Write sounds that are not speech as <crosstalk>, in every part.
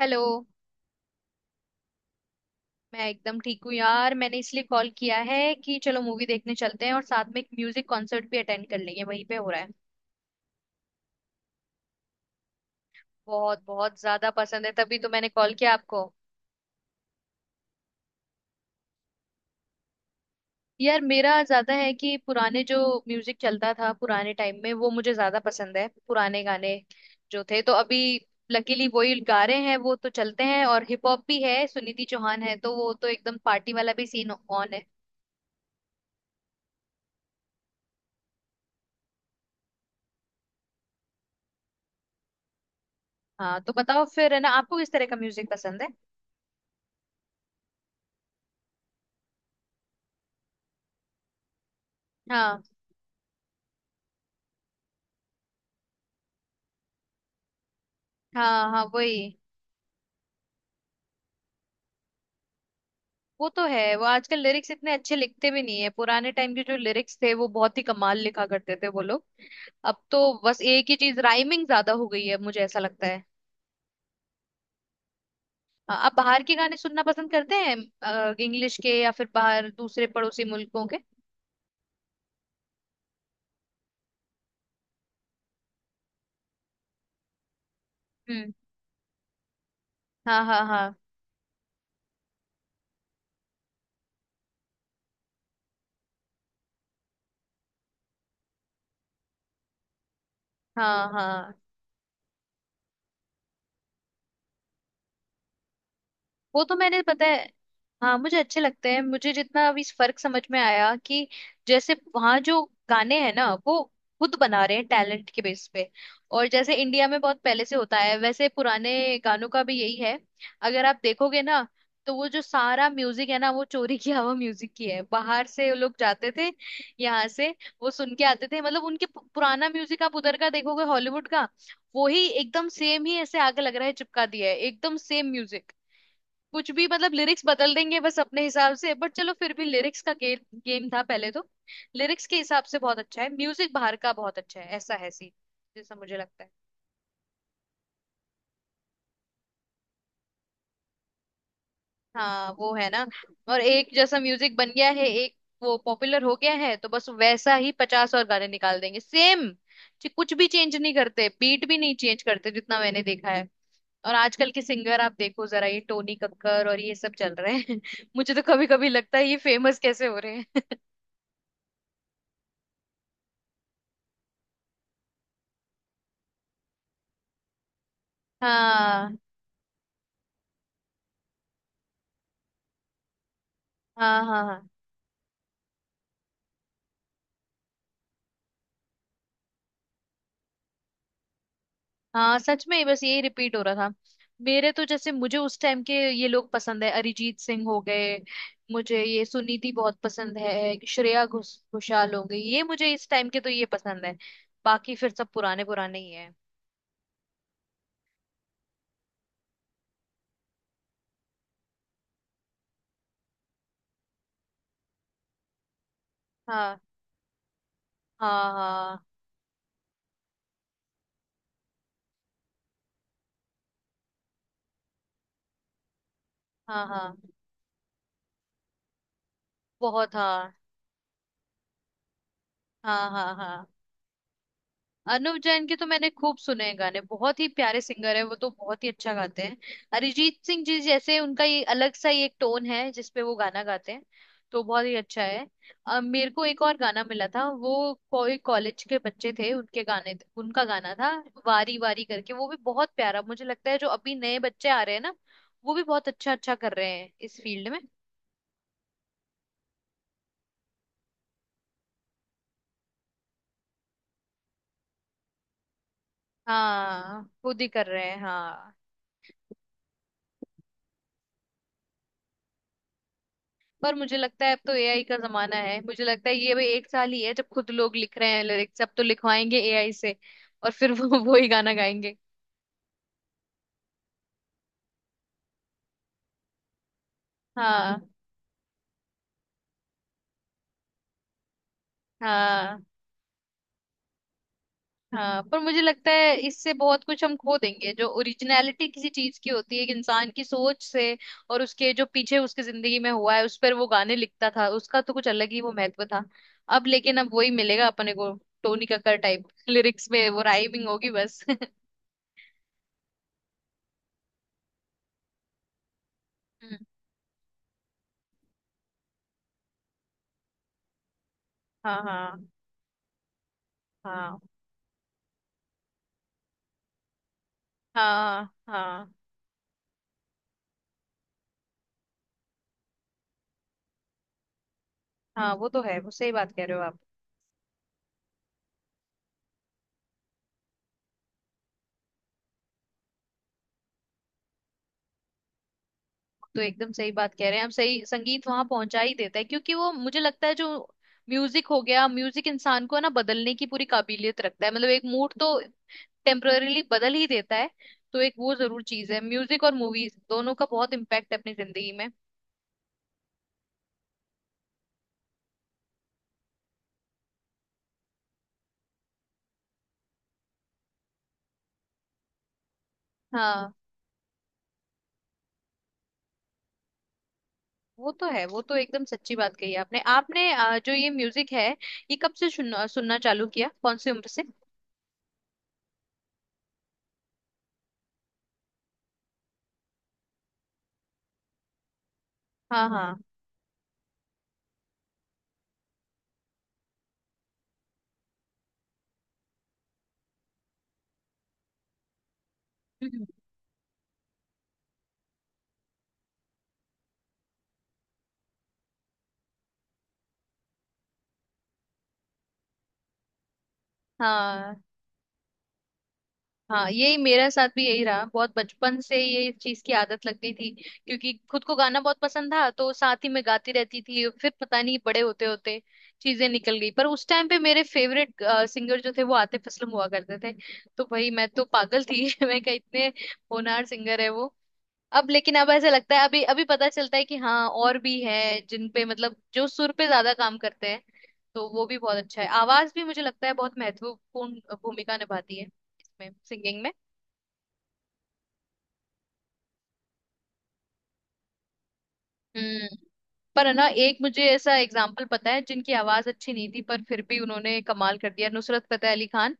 Hello. मैं एकदम ठीक हूँ यार। मैंने इसलिए कॉल किया है कि चलो मूवी देखने चलते हैं और साथ में एक म्यूजिक कॉन्सर्ट भी अटेंड कर लेंगे, वहीं पे हो रहा है। बहुत बहुत ज्यादा पसंद है, तभी तो मैंने कॉल किया आपको। यार मेरा ज्यादा है कि पुराने जो म्यूजिक चलता था पुराने टाइम में वो मुझे ज्यादा पसंद है। पुराने गाने जो थे तो अभी लकीली वही गा रहे हैं, वो तो चलते हैं। और हिप हॉप भी है, सुनिधि चौहान है, तो वो तो एकदम पार्टी वाला भी सीन ऑन है। हाँ तो बताओ फिर, है ना, आपको किस तरह का म्यूजिक पसंद है। हाँ हाँ हाँ, वही। वो तो है, वो आजकल लिरिक्स इतने अच्छे लिखते भी नहीं है। पुराने टाइम के जो लिरिक्स थे वो बहुत ही कमाल लिखा करते थे वो लोग। अब तो बस एक ही चीज, राइमिंग ज्यादा हो गई है, मुझे ऐसा लगता है। आप बाहर के गाने सुनना पसंद करते हैं? इंग्लिश के, या फिर बाहर दूसरे पड़ोसी मुल्कों के? हम्म। हाँ हाँ हाँ। हाँ हाँ। वो तो मैंने पता है। हाँ मुझे अच्छे लगते हैं। मुझे जितना अभी इस फर्क समझ में आया कि जैसे वहां जो गाने हैं ना, वो खुद बना रहे हैं टैलेंट के बेस पे। और जैसे इंडिया में बहुत पहले से होता है, वैसे पुराने गानों का भी यही है। अगर आप देखोगे ना, तो वो जो सारा म्यूजिक है ना, वो चोरी किया हुआ म्यूजिक ही है। बाहर से लोग जाते थे यहाँ से, वो सुन के आते थे। मतलब उनके पुराना म्यूजिक आप उधर का देखोगे, हॉलीवुड का, वो ही एकदम सेम ही ऐसे आगे लग रहा है, चिपका दिया है एकदम सेम म्यूजिक। कुछ भी मतलब लिरिक्स बदल देंगे बस अपने हिसाब से, बट चलो फिर भी लिरिक्स का गेम गेम था पहले तो। लिरिक्स के हिसाब से बहुत अच्छा है म्यूजिक, बाहर का बहुत अच्छा है, ऐसा है सीन, जैसा मुझे लगता है। हाँ वो है ना, और एक जैसा म्यूजिक बन गया है। एक वो पॉपुलर हो गया है तो बस वैसा ही पचास और गाने निकाल देंगे सेम, कुछ भी चेंज नहीं करते, बीट भी नहीं चेंज करते, जितना मैंने देखा है। और आजकल के सिंगर आप देखो जरा, ये टोनी कक्कर और ये सब चल रहे हैं <laughs> मुझे तो कभी कभी लगता है ये फेमस कैसे हो रहे हैं। हाँ हाँ हाँ। हाँ हाँ सच में, बस यही रिपीट हो रहा था। मेरे तो जैसे मुझे उस टाइम के ये लोग पसंद है, अरिजीत सिंह हो गए, मुझे ये सुनीति बहुत पसंद है, श्रेया घोषाल हो गई, ये मुझे इस टाइम के तो ये पसंद है। बाकी फिर सब पुराने पुराने ही है। हाँ हाँ। हाँ हाँ हाँ। बहुत हाँ। हाँ हाँ हाँ। अनुव जैन के तो मैंने खूब सुने हैं गाने, बहुत ही प्यारे सिंगर है वो, तो बहुत ही अच्छा गाते हैं। अरिजीत सिंह जी जैसे, उनका ये अलग सा ही एक टोन है जिसपे वो गाना गाते हैं, तो बहुत ही अच्छा है। मेरे को एक और गाना मिला था, वो कोई कॉलेज के बच्चे थे, उनके गाने उनका गाना था वारी वारी करके। वो भी बहुत प्यारा, मुझे लगता है जो अभी नए बच्चे आ रहे हैं ना, वो भी बहुत अच्छा अच्छा कर रहे हैं इस फील्ड में। हाँ खुद ही कर रहे हैं, हाँ। पर मुझे लगता है अब तो एआई का जमाना है, मुझे लगता है ये भाई एक साल ही है जब खुद लोग लिख रहे हैं लिरिक्स, अब तो लिखवाएंगे एआई से, और फिर वो <laughs> वो ही गाना गाएंगे। हाँ हाँ हाँ। पर मुझे लगता है इससे बहुत कुछ हम खो देंगे, जो ओरिजिनलिटी किसी चीज की होती है एक इंसान की सोच से, और उसके जो पीछे उसकी जिंदगी में हुआ है उस पर वो गाने लिखता था, उसका तो कुछ अलग ही वो महत्व था। अब लेकिन अब वही मिलेगा अपने को, टोनी कक्कर टाइप लिरिक्स में वो राइमिंग होगी बस <laughs> हम्म, हाँ हाँ। हाँ हाँ हाँ। हाँ वो तो है, वो सही बात कह रहे हो आप। तो एकदम सही बात कह रहे हैं हम, सही संगीत वहां पहुंचा ही देता है, क्योंकि वो मुझे लगता है जो म्यूजिक हो गया, म्यूजिक इंसान को ना बदलने की पूरी काबिलियत रखता है। मतलब एक मूड तो टेम्पररीली बदल ही देता है। तो एक वो जरूर चीज है, म्यूजिक और मूवीज दोनों का बहुत इम्पैक्ट है अपनी जिंदगी में। हाँ वो तो है, वो तो एकदम सच्ची बात कही आपने। आपने जो ये म्यूजिक है, ये कब से सुनना सुनना चालू किया, कौन सी उम्र से? हाँ हाँ। हम्म। हाँ हाँ यही, मेरे साथ भी यही रहा। बहुत बचपन से ये चीज की आदत लग गई थी, क्योंकि खुद को गाना बहुत पसंद था, तो साथ ही मैं गाती रहती थी। फिर पता नहीं बड़े होते होते चीजें निकल गई, पर उस टाइम पे मेरे फेवरेट सिंगर जो थे वो आतिफ असलम हुआ करते थे। तो भाई मैं तो पागल थी <laughs> मैं क्या, इतने होनहार सिंगर है वो। अब लेकिन अब ऐसा लगता है, अभी अभी पता चलता है कि हाँ और भी है जिन पे मतलब जो सुर पे ज्यादा काम करते हैं, तो वो भी बहुत अच्छा है। आवाज भी मुझे लगता है बहुत महत्वपूर्ण भूमिका निभाती है इसमें, सिंगिंग में। हम्म। पर है ना, एक मुझे ऐसा एग्जाम्पल पता है जिनकी आवाज अच्छी नहीं थी पर फिर भी उन्होंने कमाल कर दिया, नुसरत फतेह अली खान।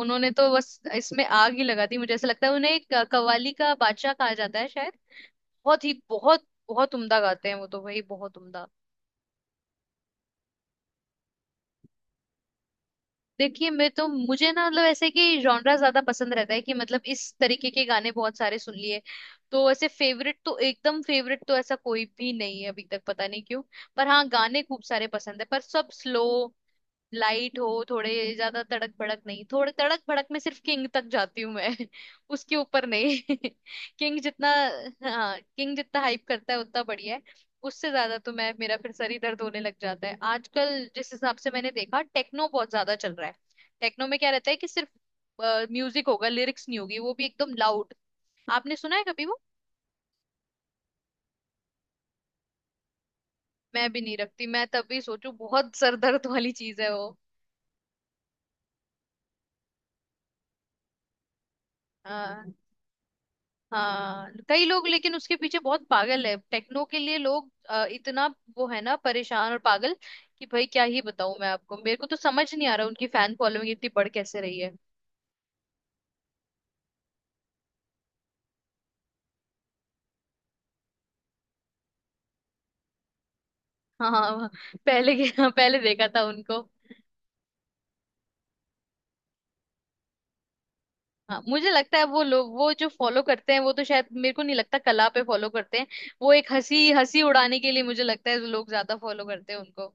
उन्होंने तो बस इसमें आग ही लगा दी, मुझे ऐसा लगता है। उन्हें एक कव्वाली का बादशाह कहा जाता है शायद, बहुत ही बहुत बहुत उम्दा गाते हैं वो तो भाई, बहुत उम्दा। देखिए मैं तो, मुझे ना मतलब ऐसे कि जॉनरा ज्यादा पसंद रहता है कि, मतलब इस तरीके के गाने बहुत सारे सुन लिए, तो ऐसे फेवरेट तो एकदम फेवरेट तो ऐसा कोई भी नहीं है अभी तक, पता नहीं क्यों। पर हाँ गाने खूब सारे पसंद है, पर सब स्लो लाइट हो, थोड़े ज्यादा तड़क भड़क नहीं। थोड़े तड़क भड़क में सिर्फ किंग तक जाती हूँ मैं <laughs> उसके ऊपर नहीं <laughs> किंग जितना। हाँ किंग जितना हाइप करता है उतना बढ़िया है, उससे ज्यादा तो मैं, मेरा फिर सर ही दर्द होने लग जाता है। आजकल जिस हिसाब से मैंने देखा टेक्नो बहुत ज्यादा चल रहा है। टेक्नो में क्या रहता है कि सिर्फ म्यूजिक होगा, लिरिक्स नहीं होगी, वो भी एकदम लाउड। आपने सुना है कभी वो? मैं भी नहीं रखती, मैं तब भी सोचू बहुत सर दर्द वाली चीज है वो। हाँ हाँ कई लोग, लेकिन उसके पीछे बहुत पागल है टेक्नो के लिए लोग, इतना वो है ना, परेशान और पागल। कि भाई क्या ही बताऊं मैं आपको, मेरे को तो समझ नहीं आ रहा उनकी फैन फॉलोइंग इतनी बढ़ कैसे रही है। <laughs> हाँ हाँ, पहले के <laughs> हाँ, पहले देखा था उनको। हाँ मुझे लगता है वो लोग, वो जो फॉलो करते हैं वो तो शायद मेरे को नहीं लगता कला पे फॉलो करते हैं। वो एक हंसी हंसी उड़ाने के लिए, मुझे लगता है लोग ज्यादा फॉलो करते हैं उनको।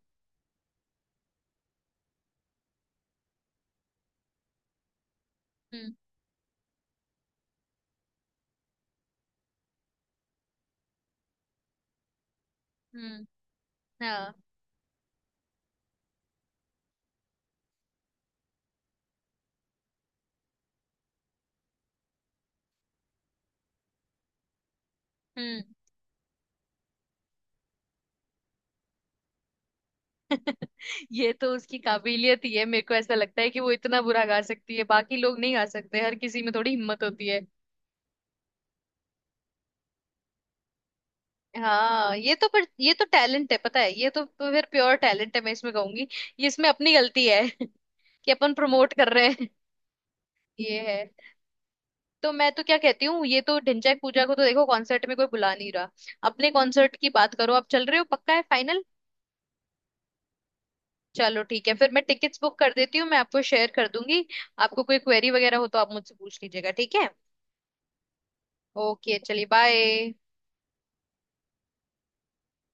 हम्म। हम्म। हाँ। हम्म। ये तो उसकी काबिलियत ही है, मेरे को ऐसा लगता है कि वो इतना बुरा गा सकती है, बाकी लोग नहीं गा सकते, हर किसी में थोड़ी हिम्मत होती है। हाँ ये तो, पर ये तो टैलेंट है, पता है, ये तो फिर प्योर टैलेंट है मैं इसमें कहूंगी। ये इसमें अपनी गलती है <laughs> कि अपन प्रमोट कर रहे हैं। ये है। तो मैं तो क्या कहती हूँ, ये तो ढिंचैक पूजा को तो देखो कॉन्सर्ट में कोई बुला नहीं रहा। अपने कॉन्सर्ट की बात करो, आप चल रहे हो, पक्का है, फाइनल? चलो ठीक है, फिर मैं टिकट्स बुक कर देती हूँ, मैं आपको शेयर कर दूंगी। आपको कोई क्वेरी वगैरह हो तो आप मुझसे पूछ लीजिएगा, ठीक है? ओके, चलिए, बाय।